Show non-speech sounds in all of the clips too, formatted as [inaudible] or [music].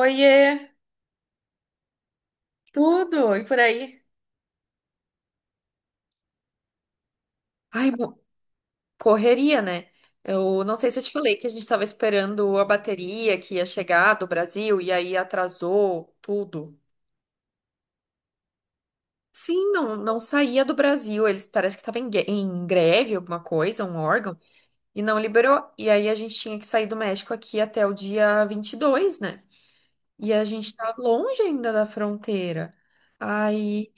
Oiê, tudo e por aí? Ai, correria, né? Eu não sei se eu te falei que a gente tava esperando a bateria que ia chegar do Brasil e aí atrasou tudo. Sim, não, não saía do Brasil. Eles parece que estavam em greve, alguma coisa, um órgão, e não liberou. E aí a gente tinha que sair do México aqui até o dia 22, né? E a gente tá longe ainda da fronteira. Aí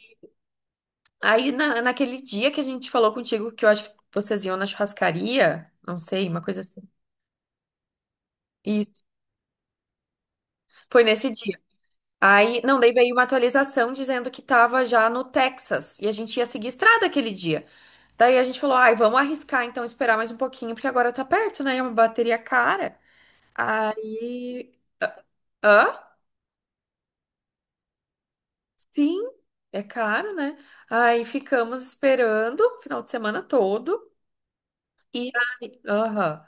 Aí, naquele dia que a gente falou contigo, que eu acho que vocês iam na churrascaria, não sei, uma coisa assim. E foi nesse dia. Aí, não, daí veio uma atualização dizendo que tava já no Texas e a gente ia seguir estrada aquele dia. Daí a gente falou, ai, vamos arriscar então, esperar mais um pouquinho, porque agora tá perto, né? É uma bateria cara. Aí. Hã? Sim, é caro, né? Aí ficamos esperando o final de semana todo. E aí, aham.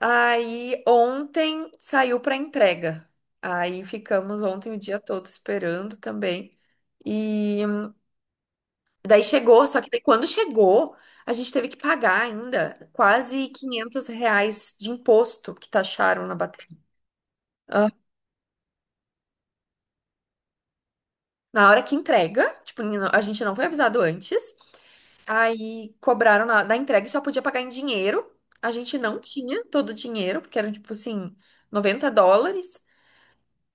Aí ontem saiu para entrega. Aí ficamos ontem o dia todo esperando também. E daí chegou, só que daí quando chegou, a gente teve que pagar ainda quase R$ 500 de imposto que taxaram na bateria. Ah, na hora que entrega, tipo, a gente não foi avisado antes. Aí cobraram da entrega e só podia pagar em dinheiro. A gente não tinha todo o dinheiro, porque eram tipo assim, US$ 90.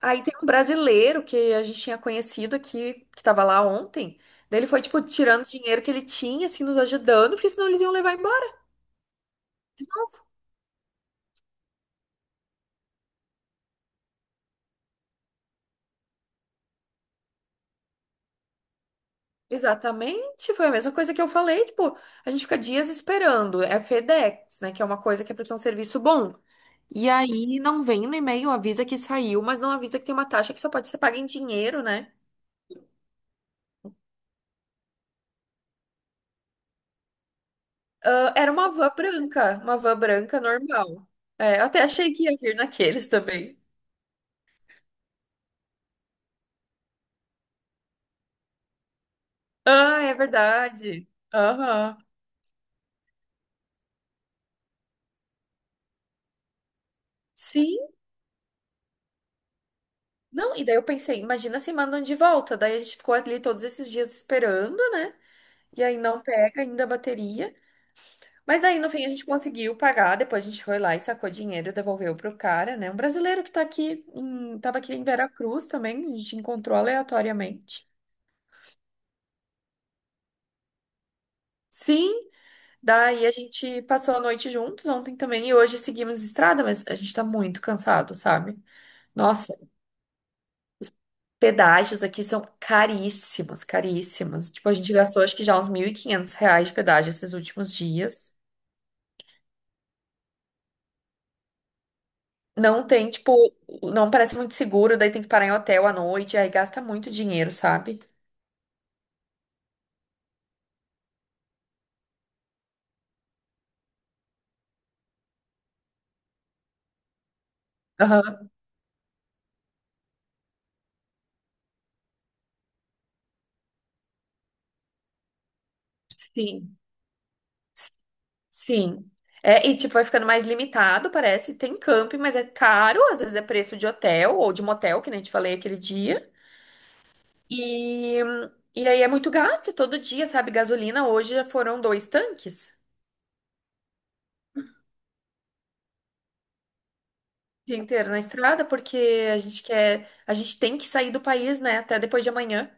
Aí tem um brasileiro que a gente tinha conhecido aqui, que tava lá ontem. Daí ele foi, tipo, tirando o dinheiro que ele tinha, assim, nos ajudando, porque senão eles iam levar embora. Exatamente, foi a mesma coisa que eu falei, tipo, a gente fica dias esperando. É FedEx, né? Que é uma coisa que é pra ser um serviço bom. E aí não vem no e-mail, avisa que saiu, mas não avisa que tem uma taxa que só pode ser paga em dinheiro, né? Ah, era uma van branca normal. É, eu até achei que ia vir naqueles também. Ah, é verdade. Aham. Sim. Não, e daí eu pensei, imagina se mandam de volta. Daí a gente ficou ali todos esses dias esperando, né? E aí não pega ainda a bateria. Mas daí no fim a gente conseguiu pagar. Depois a gente foi lá e sacou dinheiro, devolveu pro cara, né? Um brasileiro que tá aqui, tava aqui em Veracruz também, a gente encontrou aleatoriamente. Sim, daí a gente passou a noite juntos ontem também e hoje seguimos estrada, mas a gente tá muito cansado, sabe? Nossa. Pedágios aqui são caríssimos, caríssimos. Tipo, a gente gastou acho que já uns R$ 1.500 de pedágio esses últimos dias. Não tem, tipo, não parece muito seguro, daí tem que parar em hotel à noite, aí gasta muito dinheiro, sabe? Aham, sim, sim. É, e tipo, vai ficando mais limitado, parece. Tem camping, mas é caro, às vezes é preço de hotel ou de motel, que nem eu te falei aquele dia. E, e aí é muito gasto, é todo dia, sabe? Gasolina hoje já foram dois tanques. Dia inteiro na estrada, porque a gente quer, a gente tem que sair do país, né? Até depois de amanhã.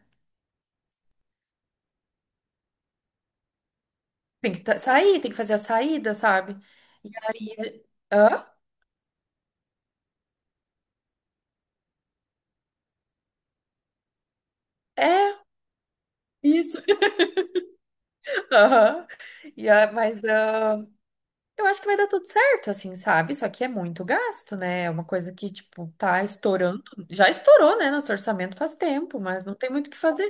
Tem que sair, tem que fazer a saída, sabe? E aí, hã? É, isso. [laughs] Aham. Mas eu acho que vai dar tudo certo, assim, sabe? Só que é muito gasto, né? É uma coisa que, tipo, tá estourando. Já estourou, né? Nosso orçamento faz tempo, mas não tem muito o que fazer.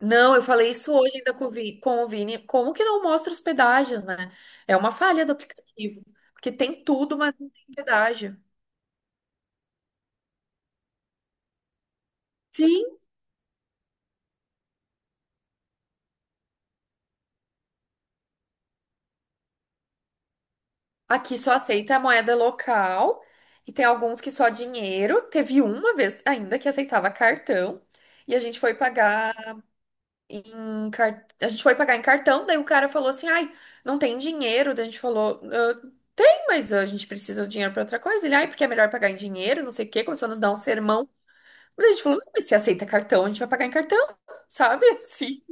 Não, eu falei isso hoje ainda com o Vini. Como que não mostra os pedágios, né? É uma falha do aplicativo. Porque tem tudo, mas não tem pedágio. Sim. Aqui só aceita a moeda local e tem alguns que só dinheiro. Teve uma vez ainda que aceitava cartão e a gente foi pagar em cartão, daí o cara falou assim: "Ai, não tem dinheiro". Daí a gente falou: "Ah, "Tem, mas a gente precisa do dinheiro para outra coisa". Ele: "Ai, porque é melhor pagar em dinheiro, não sei o quê". Começou a nos dar um sermão. Mas a gente falou, não, mas se aceita cartão, a gente vai pagar em cartão, [laughs] sabe? Assim.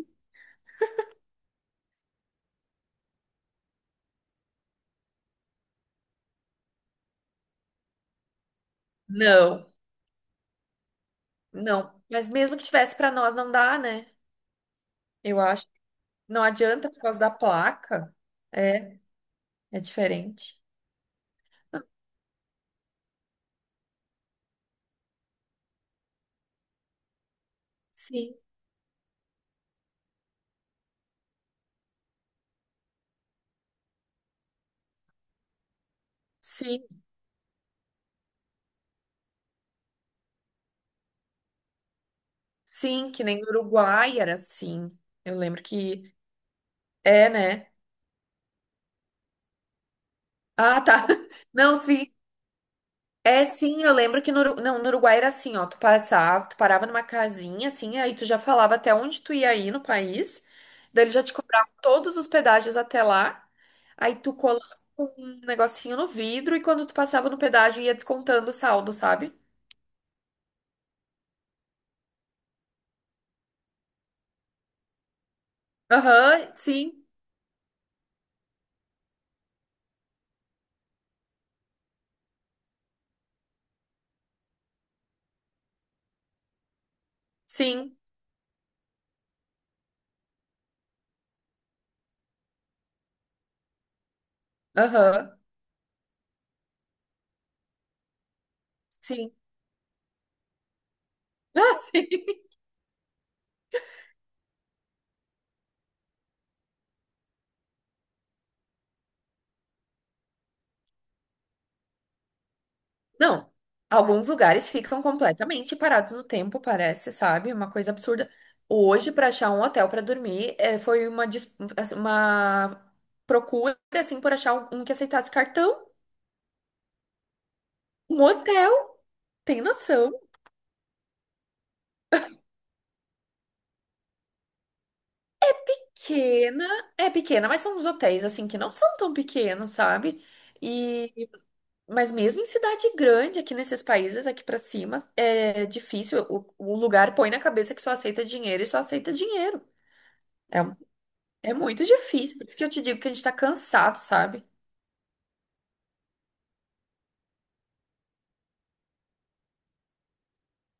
Não, não. Mas mesmo que tivesse pra nós, não dá, né? Eu acho. Não adianta por causa da placa. É, é diferente. Sim, sim, sim, que nem no Uruguai era assim. Eu lembro que é, né? Ah, tá. [laughs] Não, sim. É, sim, eu lembro que no Uruguai era assim, ó, tu passava, tu parava numa casinha, assim, aí tu já falava até onde tu ia ir no país, daí ele já te cobrava todos os pedágios até lá, aí tu colava um negocinho no vidro e quando tu passava no pedágio ia descontando o saldo, sabe? Aham, sim, sim, aham, sim. [laughs] Ah, sim. Não, alguns lugares ficam completamente parados no tempo, parece, sabe? Uma coisa absurda. Hoje, para achar um hotel para dormir, foi uma procura, assim, por achar um que aceitasse cartão. Um hotel, tem noção? Pequena, é pequena, mas são uns hotéis, assim, que não são tão pequenos, sabe? E, mas mesmo em cidade grande, aqui nesses países, aqui para cima, é difícil. O lugar põe na cabeça que só aceita dinheiro e só aceita dinheiro. É um É muito difícil, por isso que eu te digo que a gente tá cansado, sabe?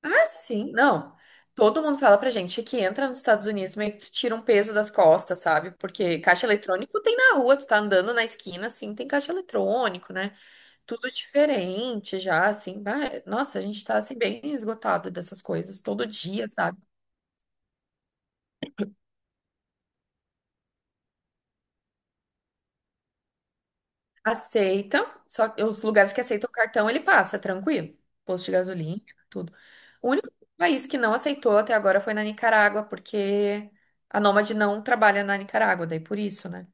Ah, sim, não. Todo mundo fala pra gente que entra nos Estados Unidos meio que tu tira um peso das costas, sabe? Porque caixa eletrônico tem na rua, tu tá andando na esquina, assim, tem caixa eletrônico, né? Tudo diferente já, assim. Nossa, a gente tá assim bem esgotado dessas coisas todo dia, sabe? Aceita, só que os lugares que aceitam o cartão ele passa, tranquilo. Posto de gasolina, tudo. O único país que não aceitou até agora foi na Nicarágua, porque a Nômade não trabalha na Nicarágua, daí por isso, né?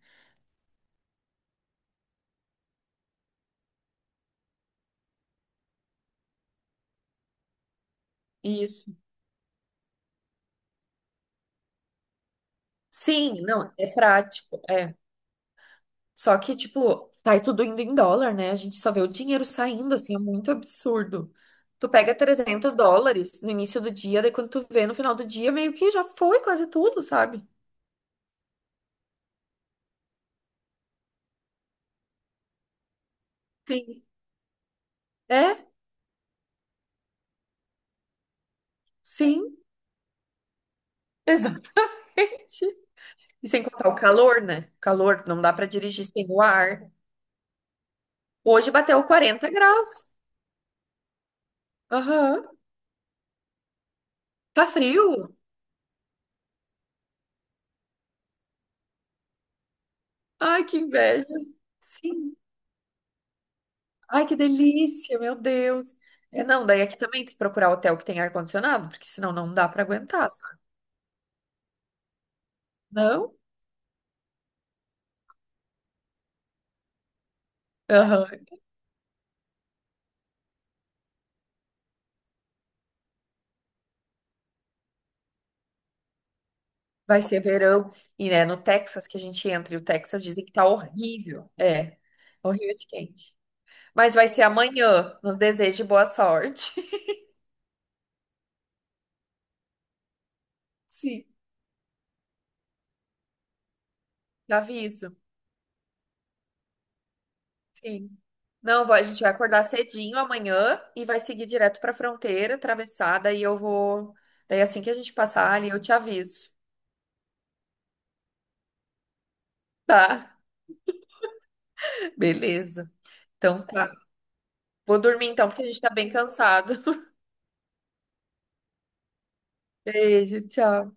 Isso. Sim, não, é prático, é. Só que, tipo, tá aí tudo indo em dólar, né? A gente só vê o dinheiro saindo, assim, é muito absurdo. Tu pega US$ 300 no início do dia, daí quando tu vê no final do dia, meio que já foi quase tudo, sabe? Sim. É, sim, [laughs] exato. [laughs] E sem contar o calor, né? Calor, não dá pra dirigir sem o ar. Hoje bateu 40 graus. Aham. Tá frio? Ai, que inveja. Sim. Ai, que delícia, meu Deus. É, não, daí aqui também tem que procurar hotel que tem ar-condicionado, porque senão não dá pra aguentar, sabe? Não? Aham. Vai ser verão. E é no Texas que a gente entra, e o Texas dizem que tá horrível. É, horrível de quente. Mas vai ser amanhã. Nos desejo boa sorte. [laughs] Sim, aviso. Sim. Não, a gente vai acordar cedinho amanhã e vai seguir direto pra fronteira, atravessada, e eu vou. Daí assim que a gente passar ali, eu te aviso. Tá? Beleza. Então tá. Vou dormir então, porque a gente tá bem cansado. [laughs] Beijo, tchau.